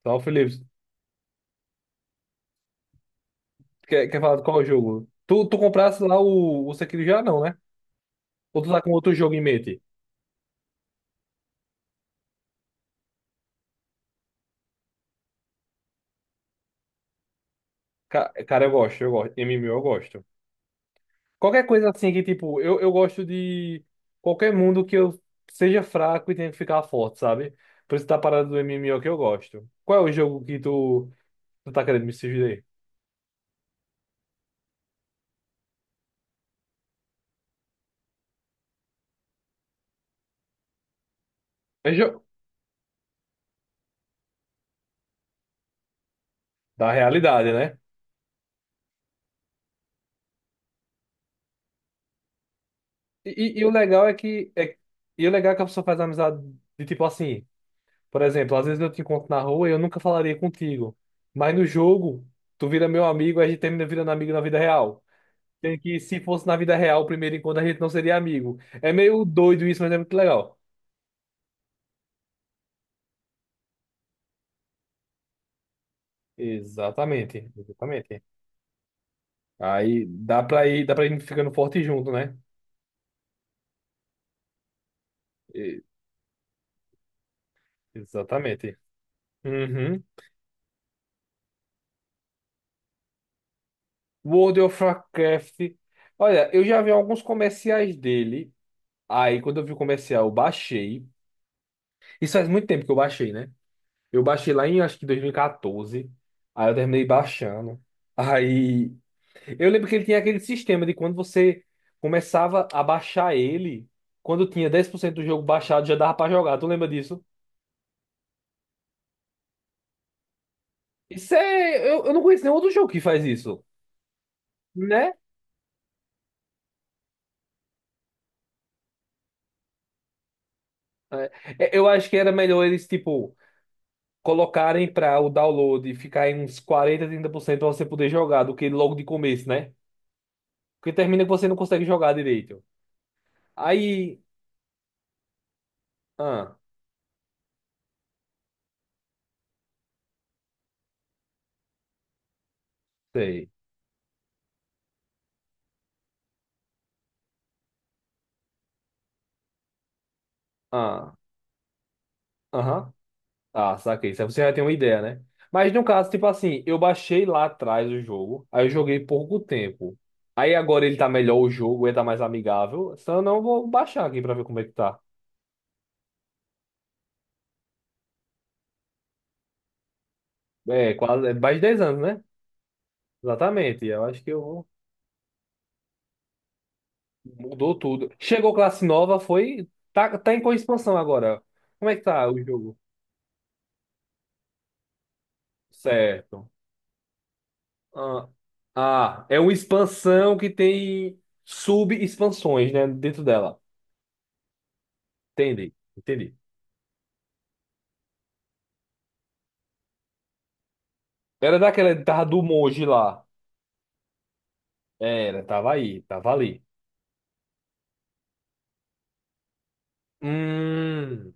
Então, Felipe, quer falar de qual jogo? Tu comprasse lá o Sekiro já não, né? Ou tu tá com outro jogo em mente? Cara, eu gosto, eu gosto. MMO eu gosto. Qualquer coisa assim que, tipo, eu gosto de qualquer mundo que eu seja fraco e tenha que ficar forte, sabe? Por isso tá parado do MMO que eu gosto. Qual é o jogo que tu tá querendo me sugerir? É jogo da realidade, né? E, e o legal é que a pessoa faz amizade de tipo assim. Por exemplo, às vezes eu te encontro na rua e eu nunca falaria contigo. Mas no jogo, tu vira meu amigo, a gente termina virando amigo na vida real. Tem que, se fosse na vida real, o primeiro encontro a gente não seria amigo. É meio doido isso, mas é muito legal. Exatamente, exatamente. Aí dá pra ir ficando forte junto, né? E- Exatamente. Uhum. World of Warcraft. Olha, eu já vi alguns comerciais dele. Aí, quando eu vi o comercial, eu baixei. Isso faz muito tempo que eu baixei, né? Eu baixei lá em, acho que 2014. Aí eu terminei baixando. Aí eu lembro que ele tinha aquele sistema de quando você começava a baixar ele, quando tinha 10% do jogo baixado, já dava pra jogar. Tu lembra disso? Isso é. Eu não conheço nenhum outro jogo que faz isso, né? É, é, eu acho que era melhor eles, tipo, colocarem pra o download ficar em uns 40, 30% pra você poder jogar do que logo de começo, né? Porque termina que você não consegue jogar direito. Aí. Ah, sei. Ah. Aham. Ah, saquei. Isso aí você já tem uma ideia, né? Mas no caso, tipo assim, eu baixei lá atrás o jogo, aí eu joguei pouco tempo. Aí agora ele tá melhor o jogo, ele tá mais amigável. Se eu não, vou baixar aqui pra ver como é que tá. É, quase, é mais de 10 anos, né? Exatamente. Eu acho que eu vou. Mudou tudo. Chegou classe nova, foi. Tá, tá em qual expansão agora? Como é que tá o jogo? Certo. Ah, ah, é uma expansão que tem sub-expansões, né? Dentro dela. Entendi, entendi. Era daquela, tava do Moji lá. Era, tava aí, tava ali. Hum.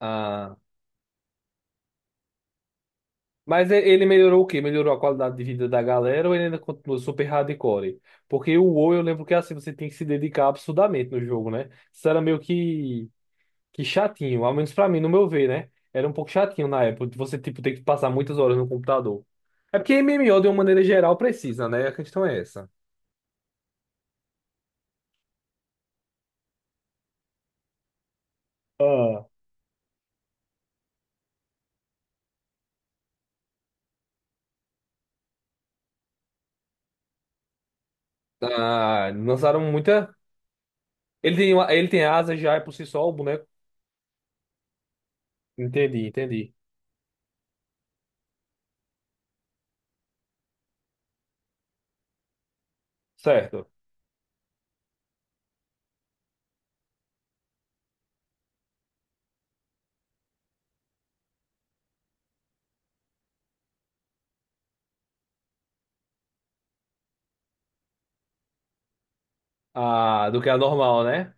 Ah, mas ele melhorou o quê? Melhorou a qualidade de vida da galera ou ele ainda continua super hardcore? Porque o WoW, eu lembro que assim, você tem que se dedicar absurdamente no jogo, né? Isso era meio que chatinho, ao menos pra mim, no meu ver, né? Era um pouco chatinho na época, de você, tipo, ter que passar muitas horas no computador. É porque MMO, de uma maneira geral, precisa, né? A questão é essa. Ah. Ah, lançaram muita. Ele tem, ele tem asas já é por si só o boneco. Entendi, entendi. Certo. Ah, do que a normal, né?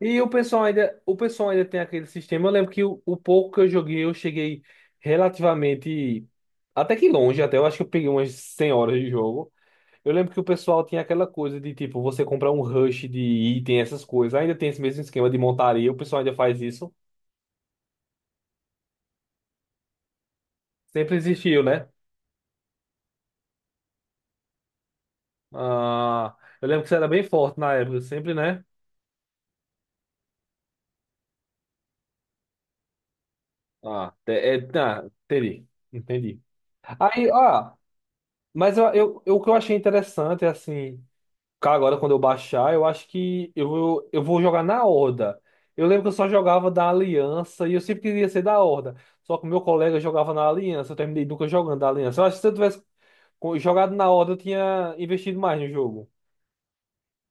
E o pessoal ainda tem aquele sistema. Eu lembro que o pouco que eu joguei, eu cheguei relativamente até que longe, até eu acho que eu peguei umas 100 horas de jogo. Eu lembro que o pessoal tinha aquela coisa de tipo, você comprar um rush de item, essas coisas. Ainda tem esse mesmo esquema de montaria, o pessoal ainda faz isso. Sempre existiu, né? Ah, eu lembro que você era bem forte na época, sempre, né? Ah, é, tá, entendi, entendi. Aí, ah, mas o que eu achei interessante é assim, cara, agora quando eu baixar, eu acho que eu vou jogar na Horda. Eu lembro que eu só jogava da Aliança e eu sempre queria ser da Horda. Só que o meu colega jogava na Aliança, eu terminei nunca jogando da Aliança. Eu acho que se eu tivesse jogado na Horda, eu tinha investido mais no jogo.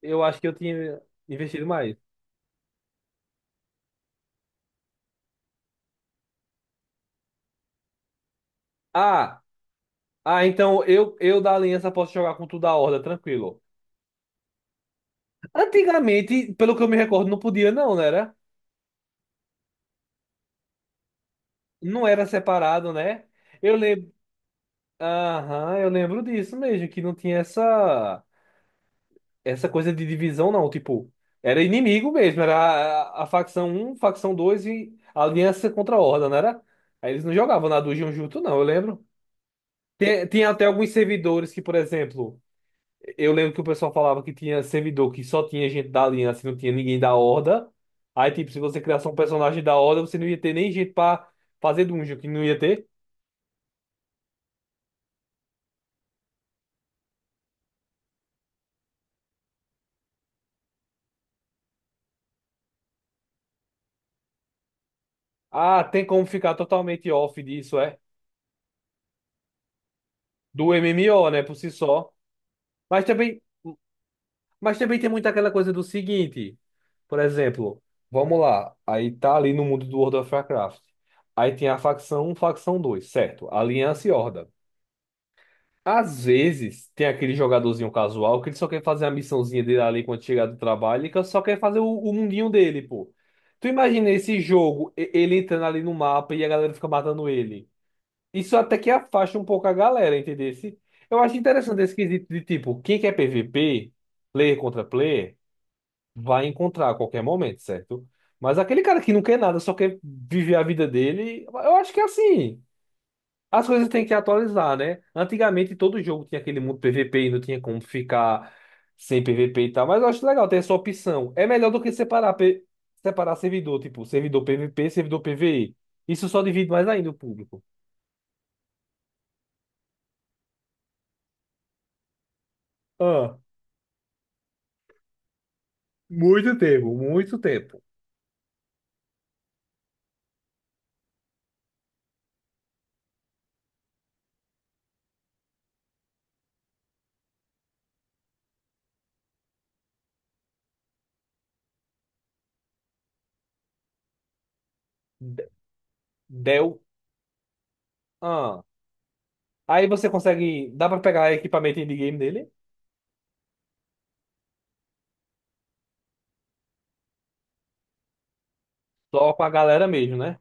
Eu acho que eu tinha investido mais. Ah, ah, então eu da Aliança posso jogar com tudo da Horda, tranquilo. Antigamente, pelo que eu me recordo, não podia não, né? Era- Não era separado, né? Eu lembro, aham, eu lembro disso mesmo, que não tinha essa coisa de divisão não, tipo, era inimigo mesmo, era a facção um facção 2 e a aliança contra a Horda, não era? Aí eles não jogavam na Dungeon junto não, eu lembro. Tem, tinha até alguns servidores que, por exemplo, eu lembro que o pessoal falava que tinha servidor que só tinha gente da aliança, e não tinha ninguém da horda. Aí, tipo, se você criasse um personagem da horda, você não ia ter nem gente pra fazer dungeon, que não ia ter. Ah, tem como ficar totalmente off disso, é. Do MMO, né, por si só. Mas também, mas também tem muito aquela coisa do seguinte, por exemplo, vamos lá, aí tá ali no mundo do World of Warcraft. Aí tem a facção um, facção 2, certo? Aliança e Horda. Às vezes, tem aquele jogadorzinho casual que ele só quer fazer a missãozinha dele ali quando chegar do trabalho, ele só quer fazer o mundinho dele, pô. Tu imagina esse jogo, ele entrando ali no mapa e a galera fica matando ele. Isso até que afasta um pouco a galera, entendeu? Eu acho interessante esse quesito de tipo, quem quer PVP, player contra player, vai encontrar a qualquer momento, certo? Mas aquele cara que não quer nada, só quer viver a vida dele, eu acho que é assim. As coisas têm que atualizar, né? Antigamente todo jogo tinha aquele mundo PVP e não tinha como ficar sem PVP e tal, mas eu acho legal ter essa opção. É melhor do que separar, separar servidor, tipo, servidor PVP, servidor PVE. Isso só divide mais ainda o público. Ah, muito tempo, muito tempo. De- Deu. Ah. Aí você consegue. Dá pra pegar equipamento endgame dele? Só com a galera mesmo, né?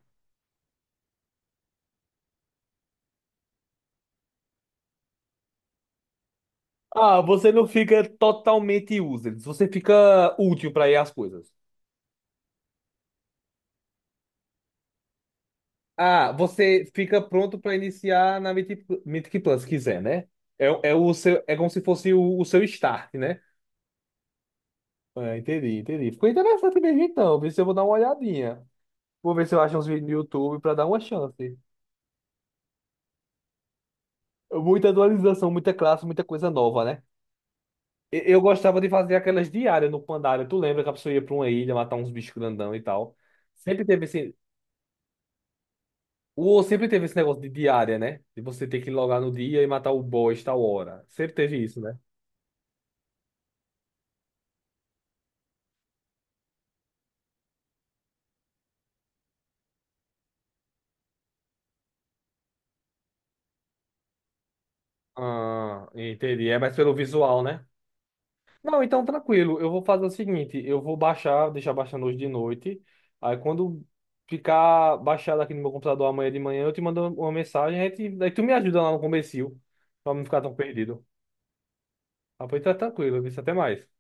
Ah, você não fica totalmente useless, você fica útil pra ir às coisas. Ah, você fica pronto para iniciar na Mythic, Mythic Plus, se quiser, né? É, é, o seu, é como se fosse o seu start, né? Ah, entendi, entendi. Ficou interessante mesmo então. Vê se eu vou dar uma olhadinha. Vou ver se eu acho uns vídeos no YouTube para dar uma chance. Muita atualização, muita classe, muita coisa nova, né? Eu gostava de fazer aquelas diárias no Pandaria. Tu lembra que a pessoa ia pra uma ilha matar uns bichos grandão e tal? Sempre teve esse. O, sempre teve esse negócio de diária, né? De você ter que logar no dia e matar o boss tal hora. Sempre teve isso, né? Ah, entendi. É mais pelo visual, né? Não, então tranquilo. Eu vou fazer o seguinte: eu vou baixar, deixar baixando hoje de noite. Aí quando ficar baixado aqui no meu computador amanhã de manhã, eu te mando uma mensagem. Aí, aí tu me ajuda lá no comecinho, pra não ficar tão perdido. Ah, pois tá tranquilo. Viu? Até mais.